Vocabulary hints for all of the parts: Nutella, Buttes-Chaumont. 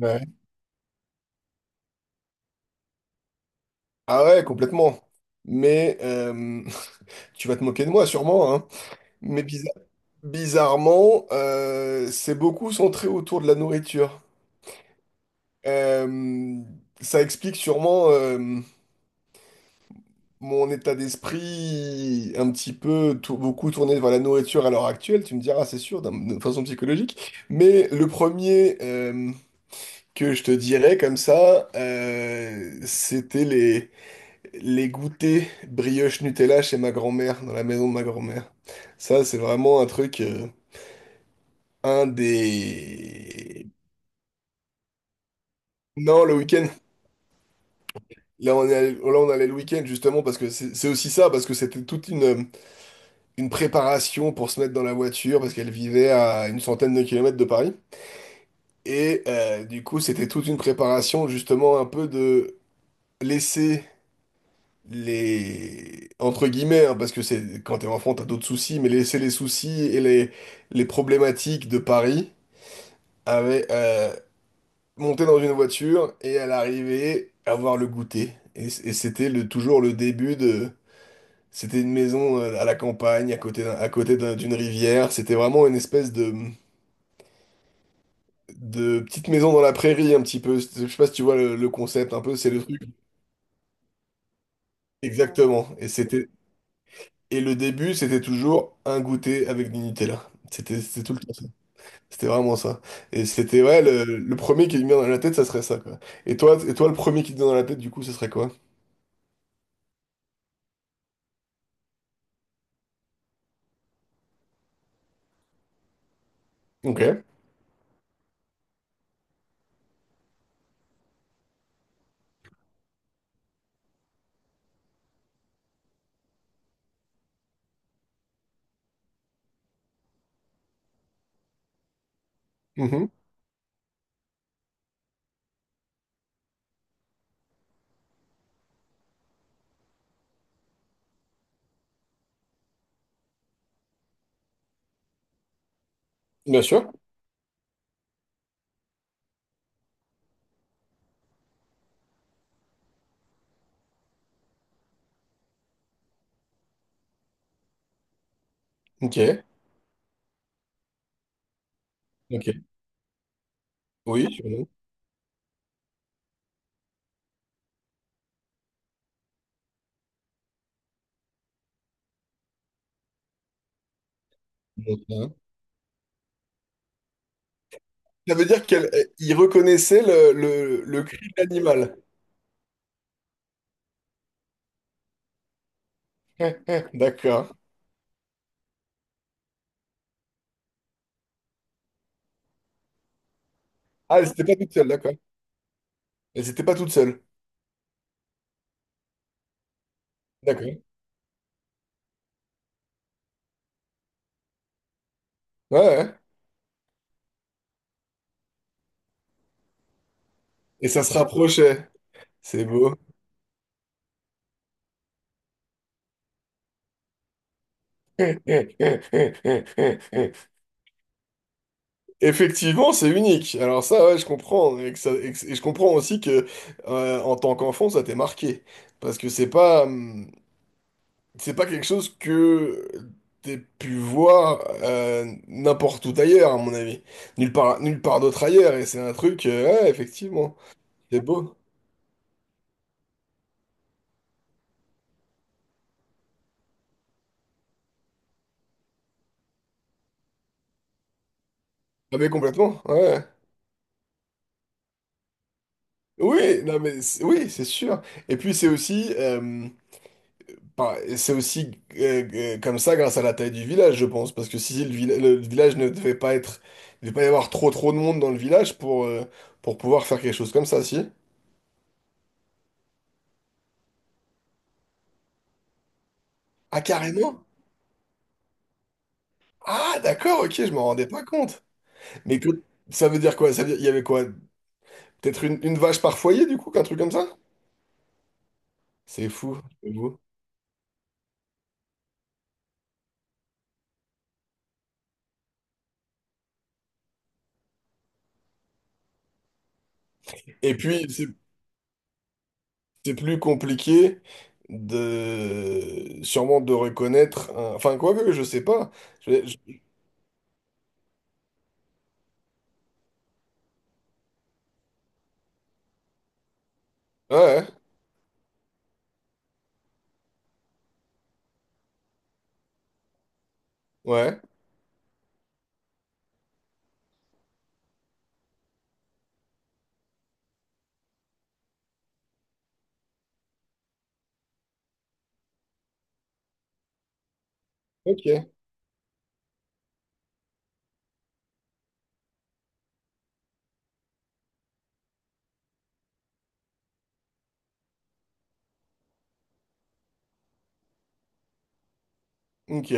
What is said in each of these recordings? Ouais. Ah ouais, complètement. Mais tu vas te moquer de moi sûrement, hein. Mais bizarrement, c'est beaucoup centré autour de la nourriture. Euh, ça explique sûrement mon état d'esprit un petit peu beaucoup tourné vers la nourriture à l'heure actuelle. Tu me diras, c'est sûr, de façon psychologique. Mais le premier que je te dirais comme ça, c'était les goûters brioche Nutella chez ma grand-mère, dans la maison de ma grand-mère. Ça, c'est vraiment un truc, un des... Non, le week-end. Là, on est allé, là, on allait le week-end, justement, parce que c'est aussi ça, parce que c'était toute une préparation pour se mettre dans la voiture, parce qu'elle vivait à une centaine de kilomètres de Paris. Et du coup, c'était toute une préparation, justement, un peu de laisser les entre guillemets hein, parce que c'est quand t'es enfant t'as d'autres soucis mais laisser les soucis et les problématiques de Paris avec monter dans une voiture et à l'arrivée avoir le goûter et c'était le toujours le début de c'était une maison à la campagne d'une rivière c'était vraiment une espèce de petite maison dans la prairie un petit peu je sais pas si tu vois le concept un peu c'est le truc exactement et c'était. Et le début, c'était toujours un goûter avec du Nutella. C'était tout le temps ça. C'était vraiment ça. Et c'était, ouais, le premier qui me vient dans la tête, ça serait ça, quoi. Et toi, le premier qui te vient dans la tête, du coup, ce serait quoi? Ok. Mhm. Bien sûr. Ok. Ok. Oui, sûrement. Ok. Ça veut dire qu'il reconnaissait le cri de l'animal. D'accord. Ah, elle n'était pas toute seule, d'accord. Elle n'était pas toute seule. D'accord. Ouais, ouais. Et ça se rapprochait. C'est beau. Effectivement, c'est unique. Alors ça, ouais, je comprends. Et, que ça- et que- et je comprends aussi que en tant qu'enfant, ça t'est marqué. Parce que c'est pas quelque chose que t'aies pu voir n'importe où ailleurs, à mon avis. Nulle part d'autre ailleurs. Et c'est un truc, ouais, effectivement. C'est beau. Ah mais complètement, ouais. Oui, non mais oui, c'est sûr. Et puis c'est aussi, enfin, et c'est aussi comme ça grâce à la taille du village, je pense, parce que si le village ne devait pas être, il devait pas y avoir trop trop de monde dans le village pour pouvoir faire quelque chose comme ça, si? Ah carrément? Ah d'accord, ok, je m'en rendais pas compte. Mais ça veut dire quoi? Ça veut dire il y avait quoi? Peut-être une vache par foyer du coup, un truc comme ça? C'est fou, j'avoue. Et puis c'est plus compliqué de sûrement de reconnaître, enfin quoi que je sais pas. Je- je- Ouais, ouais, ouais, ok. Ok.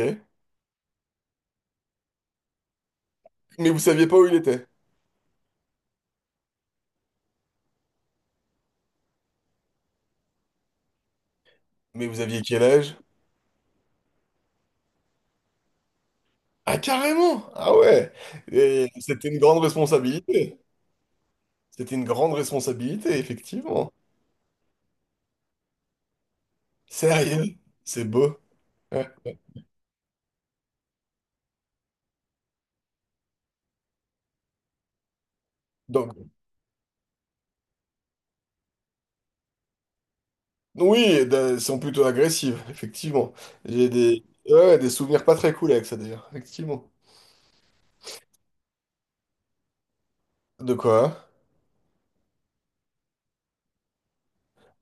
Mais vous saviez pas où il était. Mais vous aviez quel âge? Ah, carrément! Ah ouais! Et c'était une grande responsabilité. C'était une grande responsabilité, effectivement. Sérieux? C'est beau. Ouais. Donc, oui, elles sont plutôt agressives, effectivement. J'ai des, ouais, des souvenirs pas très cool avec ça, d'ailleurs. Effectivement. De quoi?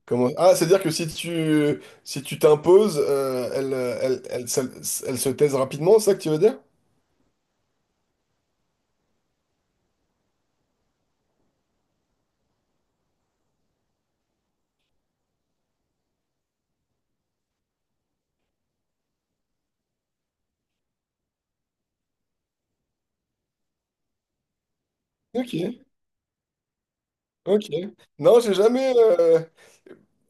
Comment... Ah, c'est-à-dire que si tu t'imposes, elle se taise rapidement, c'est ça que tu veux dire? Ok. Ok. Non, j'ai jamais.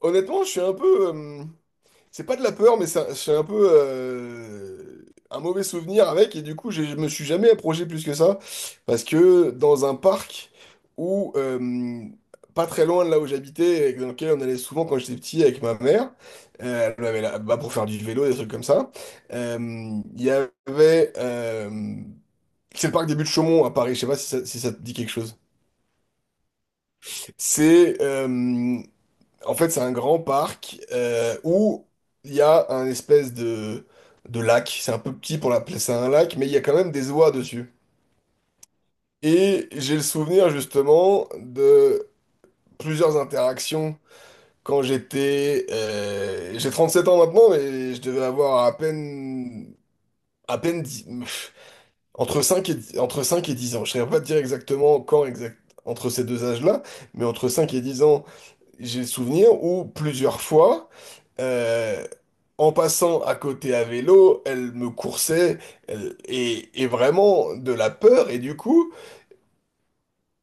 Honnêtement, je suis un peu. C'est pas de la peur, mais c'est un peu un mauvais souvenir avec. Et du coup, je me suis jamais approché plus que ça. Parce que dans un parc où. Pas très loin de là où j'habitais, et dans lequel on allait souvent quand j'étais petit avec ma mère, elle m'avait bah, pour faire du vélo, des trucs comme ça. Euh, Il y avait. C'est le parc des Buttes-Chaumont à Paris, je sais pas si ça te dit quelque chose. C'est. En fait, c'est un grand parc où il y a un espèce de lac. C'est un peu petit pour l'appeler ça un lac, mais il y a quand même des oies dessus. Et j'ai le souvenir justement de plusieurs interactions quand j'étais... j'ai 7 ans maintenant, mais je devais avoir à peine... À peine 10. Entre 5 et 10 ans. Je ne saurais pas te dire exactement quand exact, entre ces deux âges-là, mais entre 5 et 10 ans, j'ai le souvenir où plusieurs fois, euh, en passant à côté à vélo, elle me coursait et vraiment de la peur. Et du coup,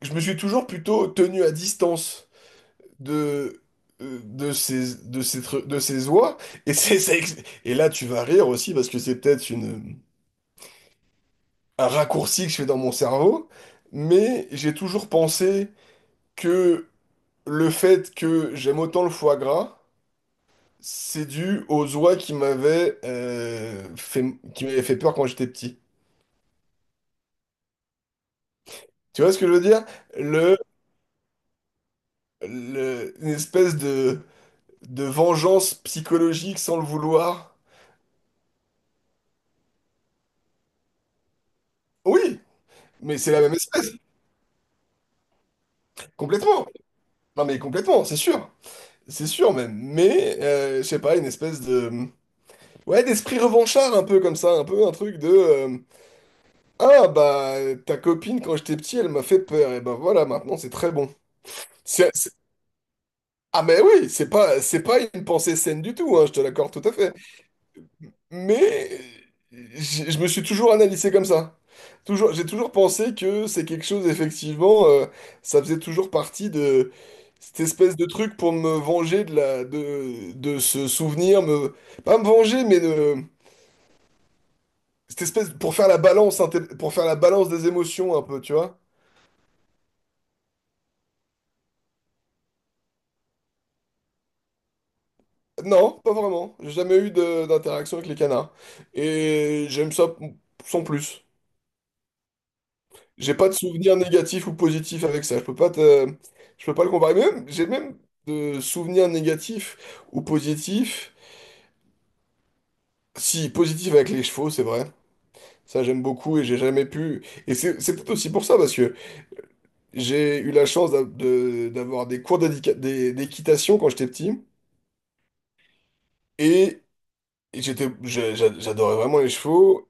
je me suis toujours plutôt tenu à distance de, de ces, tru- de ces oies. Et, c'est- ça ex- et là, tu vas rire aussi parce que c'est peut-être une un raccourci que je fais dans mon cerveau, mais j'ai toujours pensé que le fait que j'aime autant le foie gras, c'est dû aux oies qui m'avaient fait peur quand j'étais petit. Tu vois ce que je veux dire? Le, une espèce de vengeance psychologique sans le vouloir. Oui, mais c'est la même espèce, complètement. Non mais complètement, c'est sûr. C'est sûr même. Mais, je sais pas, une espèce de... Ouais, d'esprit revanchard un peu comme ça, un peu un truc de... Ah bah ta copine quand j'étais petit elle m'a fait peur et ben voilà maintenant c'est très bon. C'est- c'est- Ah mais oui c'est pas une pensée saine du tout hein, je te l'accorde tout à fait. Mais je me suis toujours analysé comme ça. Toujours j'ai toujours pensé que c'est quelque chose effectivement ça faisait toujours partie de cette espèce de truc pour me venger de la de ce souvenir me pas me venger mais de cette espèce pour faire la balance des émotions un peu tu vois. Non, pas vraiment. J'ai jamais eu d'interaction avec les canards. Et j'aime ça sans plus. J'ai pas de souvenirs négatifs ou positifs avec ça. Je peux pas te... Je peux pas le comparer. Mais même, j'ai même de souvenirs négatifs ou positifs. Si, positif avec les chevaux, c'est vrai. Ça, j'aime beaucoup et j'ai jamais pu. Et c'est peut-être aussi pour ça, parce que j'ai eu la chance d'avoir des cours d'équitation quand j'étais petit. Et j'adorais vraiment les chevaux.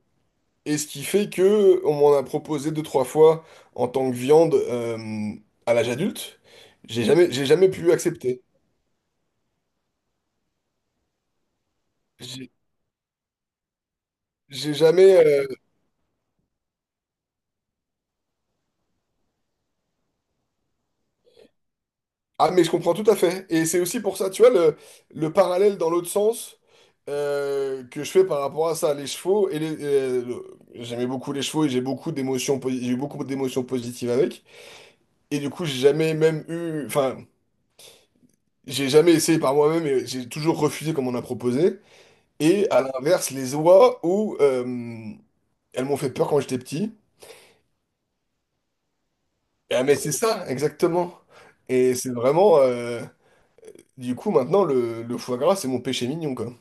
Et ce qui fait que on m'en a proposé deux, trois fois en tant que viande à l'âge adulte. J'ai jamais pu accepter. J'ai j'ai jamais. Ah, mais je comprends tout à fait. Et c'est aussi pour ça, tu vois, le parallèle dans l'autre sens que je fais par rapport à ça, les chevaux et J'aimais beaucoup les chevaux et j'ai beaucoup d'émotions positives avec. Et du coup, j'ai jamais même eu. Enfin, j'ai jamais essayé par moi-même et j'ai toujours refusé comme on a proposé. Et à l'inverse, les oies où elles m'ont fait peur quand j'étais petit. Ah, mais c'est ça, exactement. Et c'est vraiment. Du coup, maintenant, le foie gras, c'est mon péché mignon, quoi.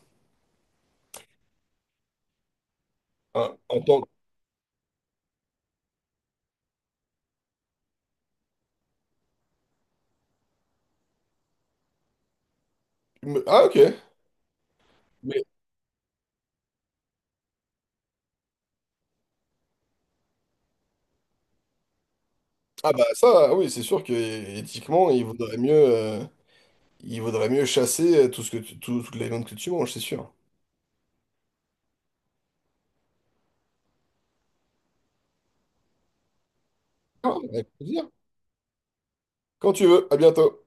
Hein, en tant que- me- Ah, ok. Mais, ah, bah, ça, oui, c'est sûr que éthiquement, il vaudrait mieux chasser toute la viande que tu manges, c'est sûr. Ah, avec plaisir. Quand tu veux, à bientôt.